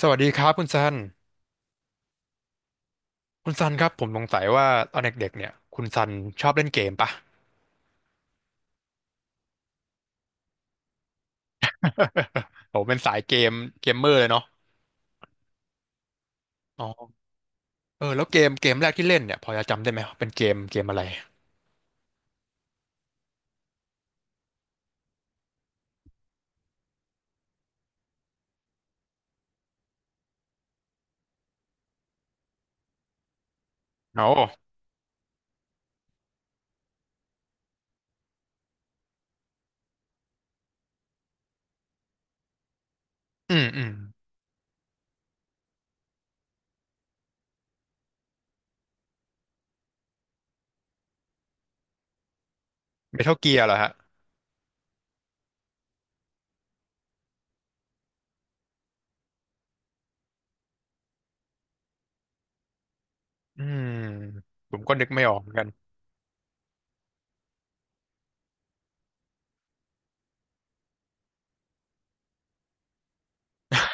สวัสดีครับคุณซัน คุณซันครับผมสงสัยว่าตอนเด็กๆเนี่ยคุณซันชอบเล่นเกมปะ ผมเป็นสายเกมเมอร์เลยเนาะอ๋อเออแล้วเกมแรกที่เล่นเนี่ยพอจะจำได้ไหมว่าเป็นเกมอะไรอ๋ออืมอืมเมทัลเกียร์เหรอฮะอืมผมก็นึกไม่ออกเหมือนกัน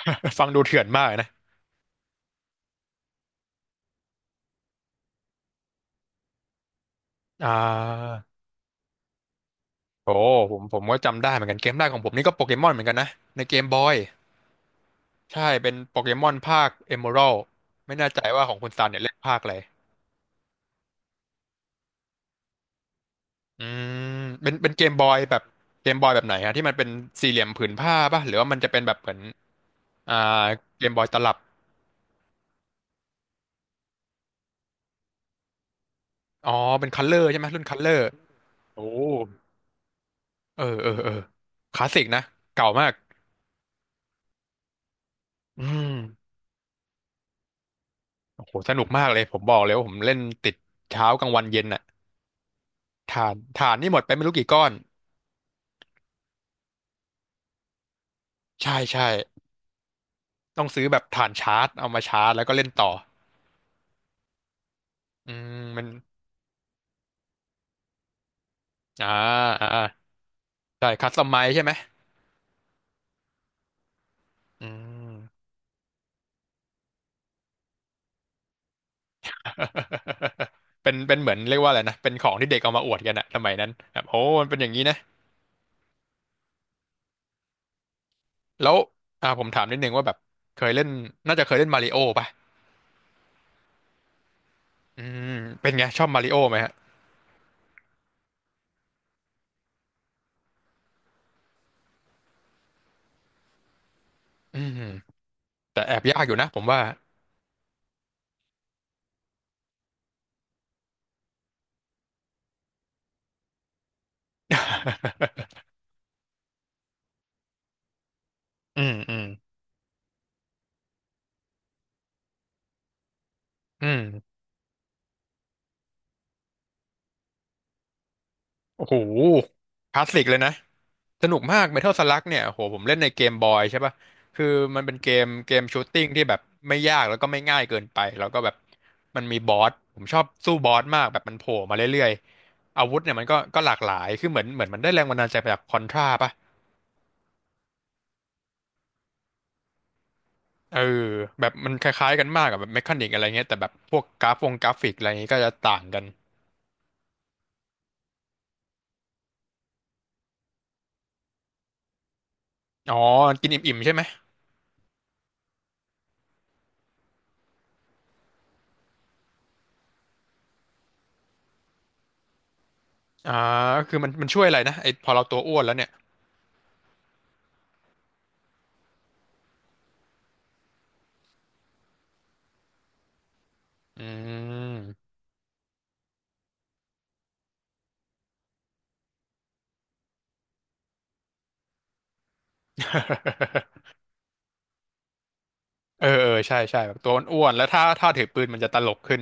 ฟังดูเถื่อนมากนะอ่าโอ้ผมก็จำได้เหมือนกันเกมแรกของผมนี่ก็โปเกมอนเหมือนกันนะในเกมบอยใช่เป็นโปเกมอนภาคเอ e ม a ร d ไม่แน่ใจว่าของคุณซันเนี่ยเล่นภาคอะไร อืมเป็นเกมบอยแบบเกมบอยแบบไหนฮะที่มันเป็นสี่เหลี่ยมผืนผ้าป่ะหรือว่ามันจะเป็นแบบเหมือนอ่าเกมบอยตลับอ๋อเป็นคัลเลอร์ใช่ไหมรุ่นคัลเลอร์โอ้เออคลาสสิกนะเก่ามากอืมโอ้โหสนุกมากเลยผมบอกเลยว่าผมเล่นติดเช้ากลางวันเย็นน่ะฐานนี่หมดไปไม่รู้กี่ก้อนใช่ใช่ต้องซื้อแบบฐานชาร์จเอามาชาร์จแล้วก็เล่นต่ออืมมันอ่าอ่าใช่คัสตอมไมซ์ใช่ไหมอืม เป็นเหมือนเรียกว่าอะไรนะเป็นของที่เด็กเอามาอวดกันอะสมัยนั้นแบบโอ้มันเป็นอย่างนี้นะแล้วผมถามนิดนึงว่าแบบเคยเล่นน่าจะเคยเล่นมาริโอป่ะอืมเป็นไงชอบมาริโอไหมฮะอืมแต่แอบยากอยู่นะผมว่า อืมอืมอืมโอ้โหคลาสสิกเลยนะสนุกมาก Metal Slug เนี่ยโหผมเล่นในเกมบอยใช่ป่ะคือมันเป็นเกมชูตติ้งที่แบบไม่ยากแล้วก็ไม่ง่ายเกินไปแล้วก็แบบมันมีบอสผมชอบสู้บอสมากแบบมันโผล่มาเรื่อย อาวุธเนี่ยมันก็หลากหลาย คือเหมือนมันได้แรงบันดาลใจมาจากคอนทราป่ะ เออ แบบมันคล้ายๆกันมากกับแบบเมคานิกอะไรเงี้ยแต่แบบพวกกราฟวงกราฟิกอะไรเงี้ยก็จะต่างกัน อ๋อกินอิ่มๆใช่ไหมอ่าก็คือมันช่วยอะไรนะไอพอเราตัวอ้วนแล้วเนี่ย อืม เออ เออ ใช่ใช่แบบตัวอ้วนๆแล้วถ้าถือปืนมันจะตลกขึ้น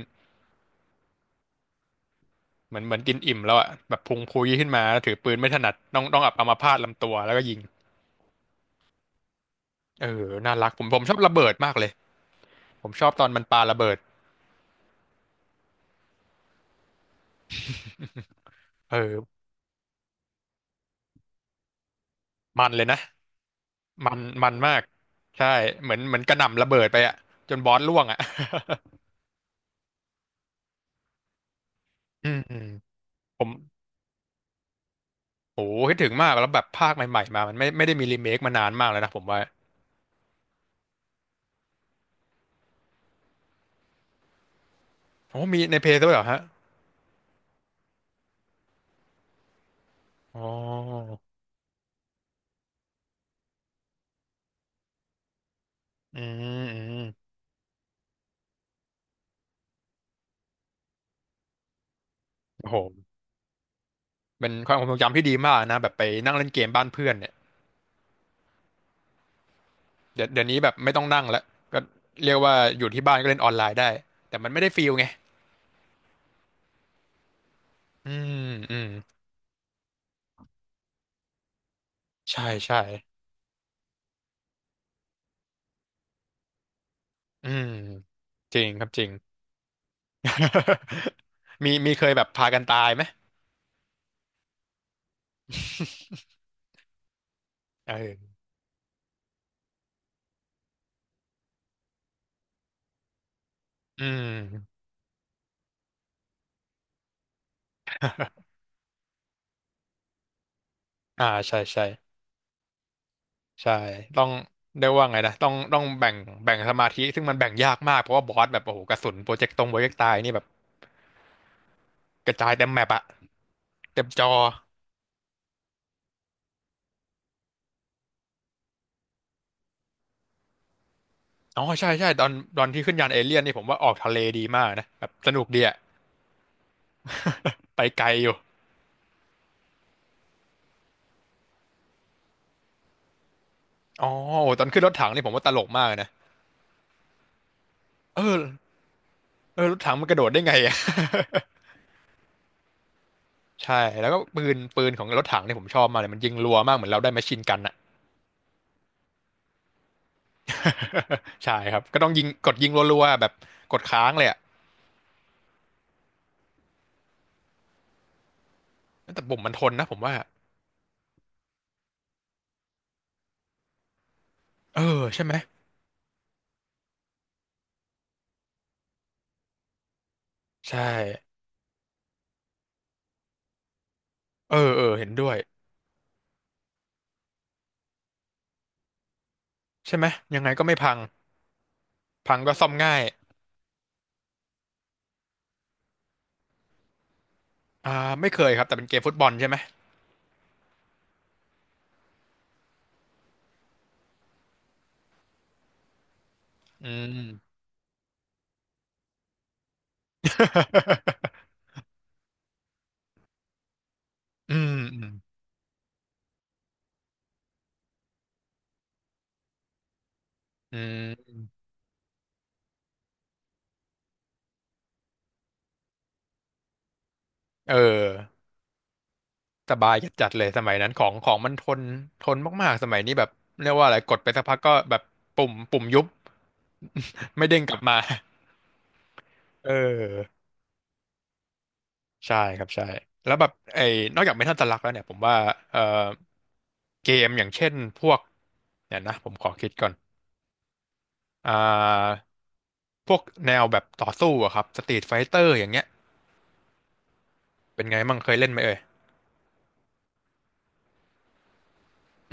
เหมือนกินอิ่มแล้วอะแบบพุงพุยขึ้นมาแล้วถือปืนไม่ถนัดต้องอับอัมพาตลำตัวแล้วก็ยิงเออน่ารักผมชอบระเบิดมากเลยผมชอบตอนมันปาระเบิดเออ มันเลยนะมันมากใช่เหมือนกระหน่ำระเบิดไปอะจนบอสล่วงอะอืม อืมผมโอ้คิดถึงมากแล้วแบบภาคใหม่ๆมามันไม่ได้มีรีเมคมานานมากแล้วนะผมว่าโอ้มีในเพลย์ด้วยเหรอฮะอ๋ออืมอืมโอ้โหเป็นความทรงจำที่ดีมากนะแบบไปนั่งเล่นเกมบ้านเพื่อนเนี่ยเดี๋ยวนี้แบบไม่ต้องนั่งแล้วก็เรียกว่าอยู่ที่บ้านก็เล่นออนไลน์ได้แต่มันไม่ได้ฟีลไงอืมอืมใช่ใช่อืมจริงครับจริง มีเคยแบบพากันตายไหม เอออืมอ่าใช่ใช่ใช่ต้องเรียกว่าไงนะต้องแบ่งสมาธิซึ่งมันแบ่งยากมากเพราะว่าบอสแบบโอ้โหกระสุนโปรเจกต์ตายนี่แบบกระจายเต็มแมปอะเต็มจออ๋อใช่ใช่ตอนที่ขึ้นยานเอเลี่ยนนี่ผมว่าออกทะเลดีมากนะแบบสนุกดีอะไปไกลอยู่อ๋อโอ้ตอนขึ้นรถถังนี่ผมว่าตลกมากนะเออเออรถถังมันกระโดดได้ไงอะ ใช่แล้วก็ปืนของรถถังเนี่ยผมชอบมากเลยมันยิงรัวมากเหมือนเราได้แมชชีนกันอะ ใช่ครับก็ต้องยิงยิงรัวๆแบบกดค้างเลยอะแต่ผมมันทนนะผมว่าเออใช่ไหมใช่เออเออเห็นด้วยใช่ไหมยังไงก็ไม่พังพังก็ซ่อมง่ายอ่าไม่เคยครับแต่เป็นเกมฟุตบอลใช่ไหมอืม อืมอืมอืมเออสบายจัดๆเลยสมัยนั้นของของมันทนทนมากๆสมัยนี้แบบเรียกว่าอะไรกดไปสักพักก็แบบปุ่มยุบ ไม่เด้งกลับมาเออใช่ครับใช่แล้วแบบไอ้นอกจากเมทัลสลักแล้วเนี่ยผมว่าเอ่อเกมอย่างเช่นพวกเนี่ยนะผมขอคิดก่อนอ่าพวกแนวแบบต่อสู้อะครับสตรีทไฟเตอร์อย่างเงี้ยเป็นไงมั่งเคยเล่นไหมเอ่ย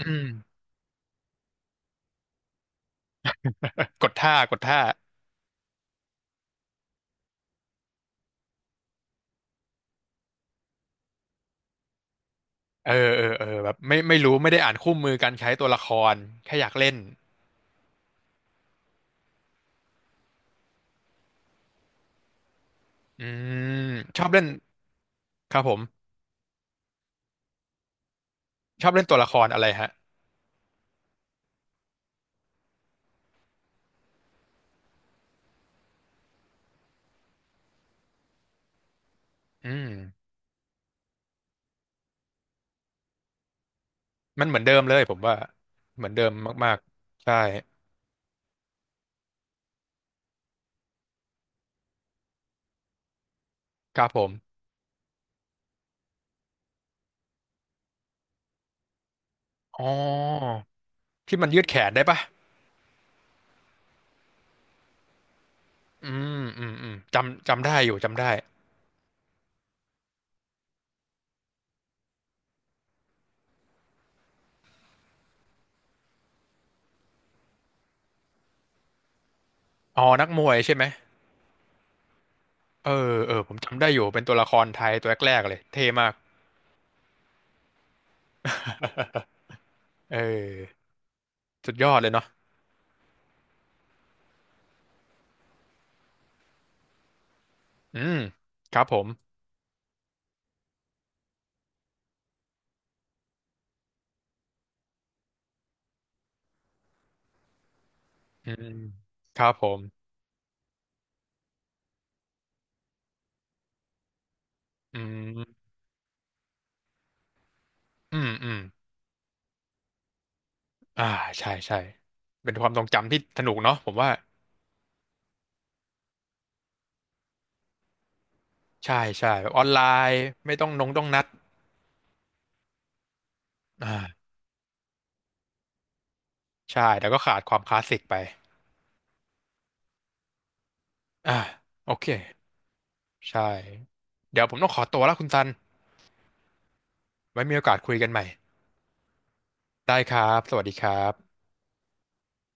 อืมกดท่าเออเออเออแบบไม่รู้ไม่ได้อ่านคู่มือการใช้ตัวละครแค่อยากเล่นอืมชอบเล่นครับผมชอบเล่นตัวละครอะไรฮะอืมมันเหมือนเดิมเลยผมว่าเหมือนเดิมมากๆใช่ ครับผมอ๋อที่มันยืดแขนได้ปะอืมอืมจำได้อยู่จำได้อ๋อนักมวยใช่ไหมเออเออ ผมจำได้อยู่เป็นตัวละครไทยตัวแรกๆเลยเท่มาก เออสุดยอดเลยเนาะอืมครับผมอืมครับผมอืมอืมอืมอ่าใช่ใช่เป็นความทรงจำที่สนุกเนาะผมว่าใช่ใช่แบบออนไลน์ไม่ต้องนงต้องนัดอ่าใช่แต่ก็ขาดความคลาสสิกไปอ่าโอเค ใช่เดี๋ยวผมต้องขอตัวแล้วคุณซันไว้มีโอกาสคุยกันใหม่ได้ครับสวัสดีครับ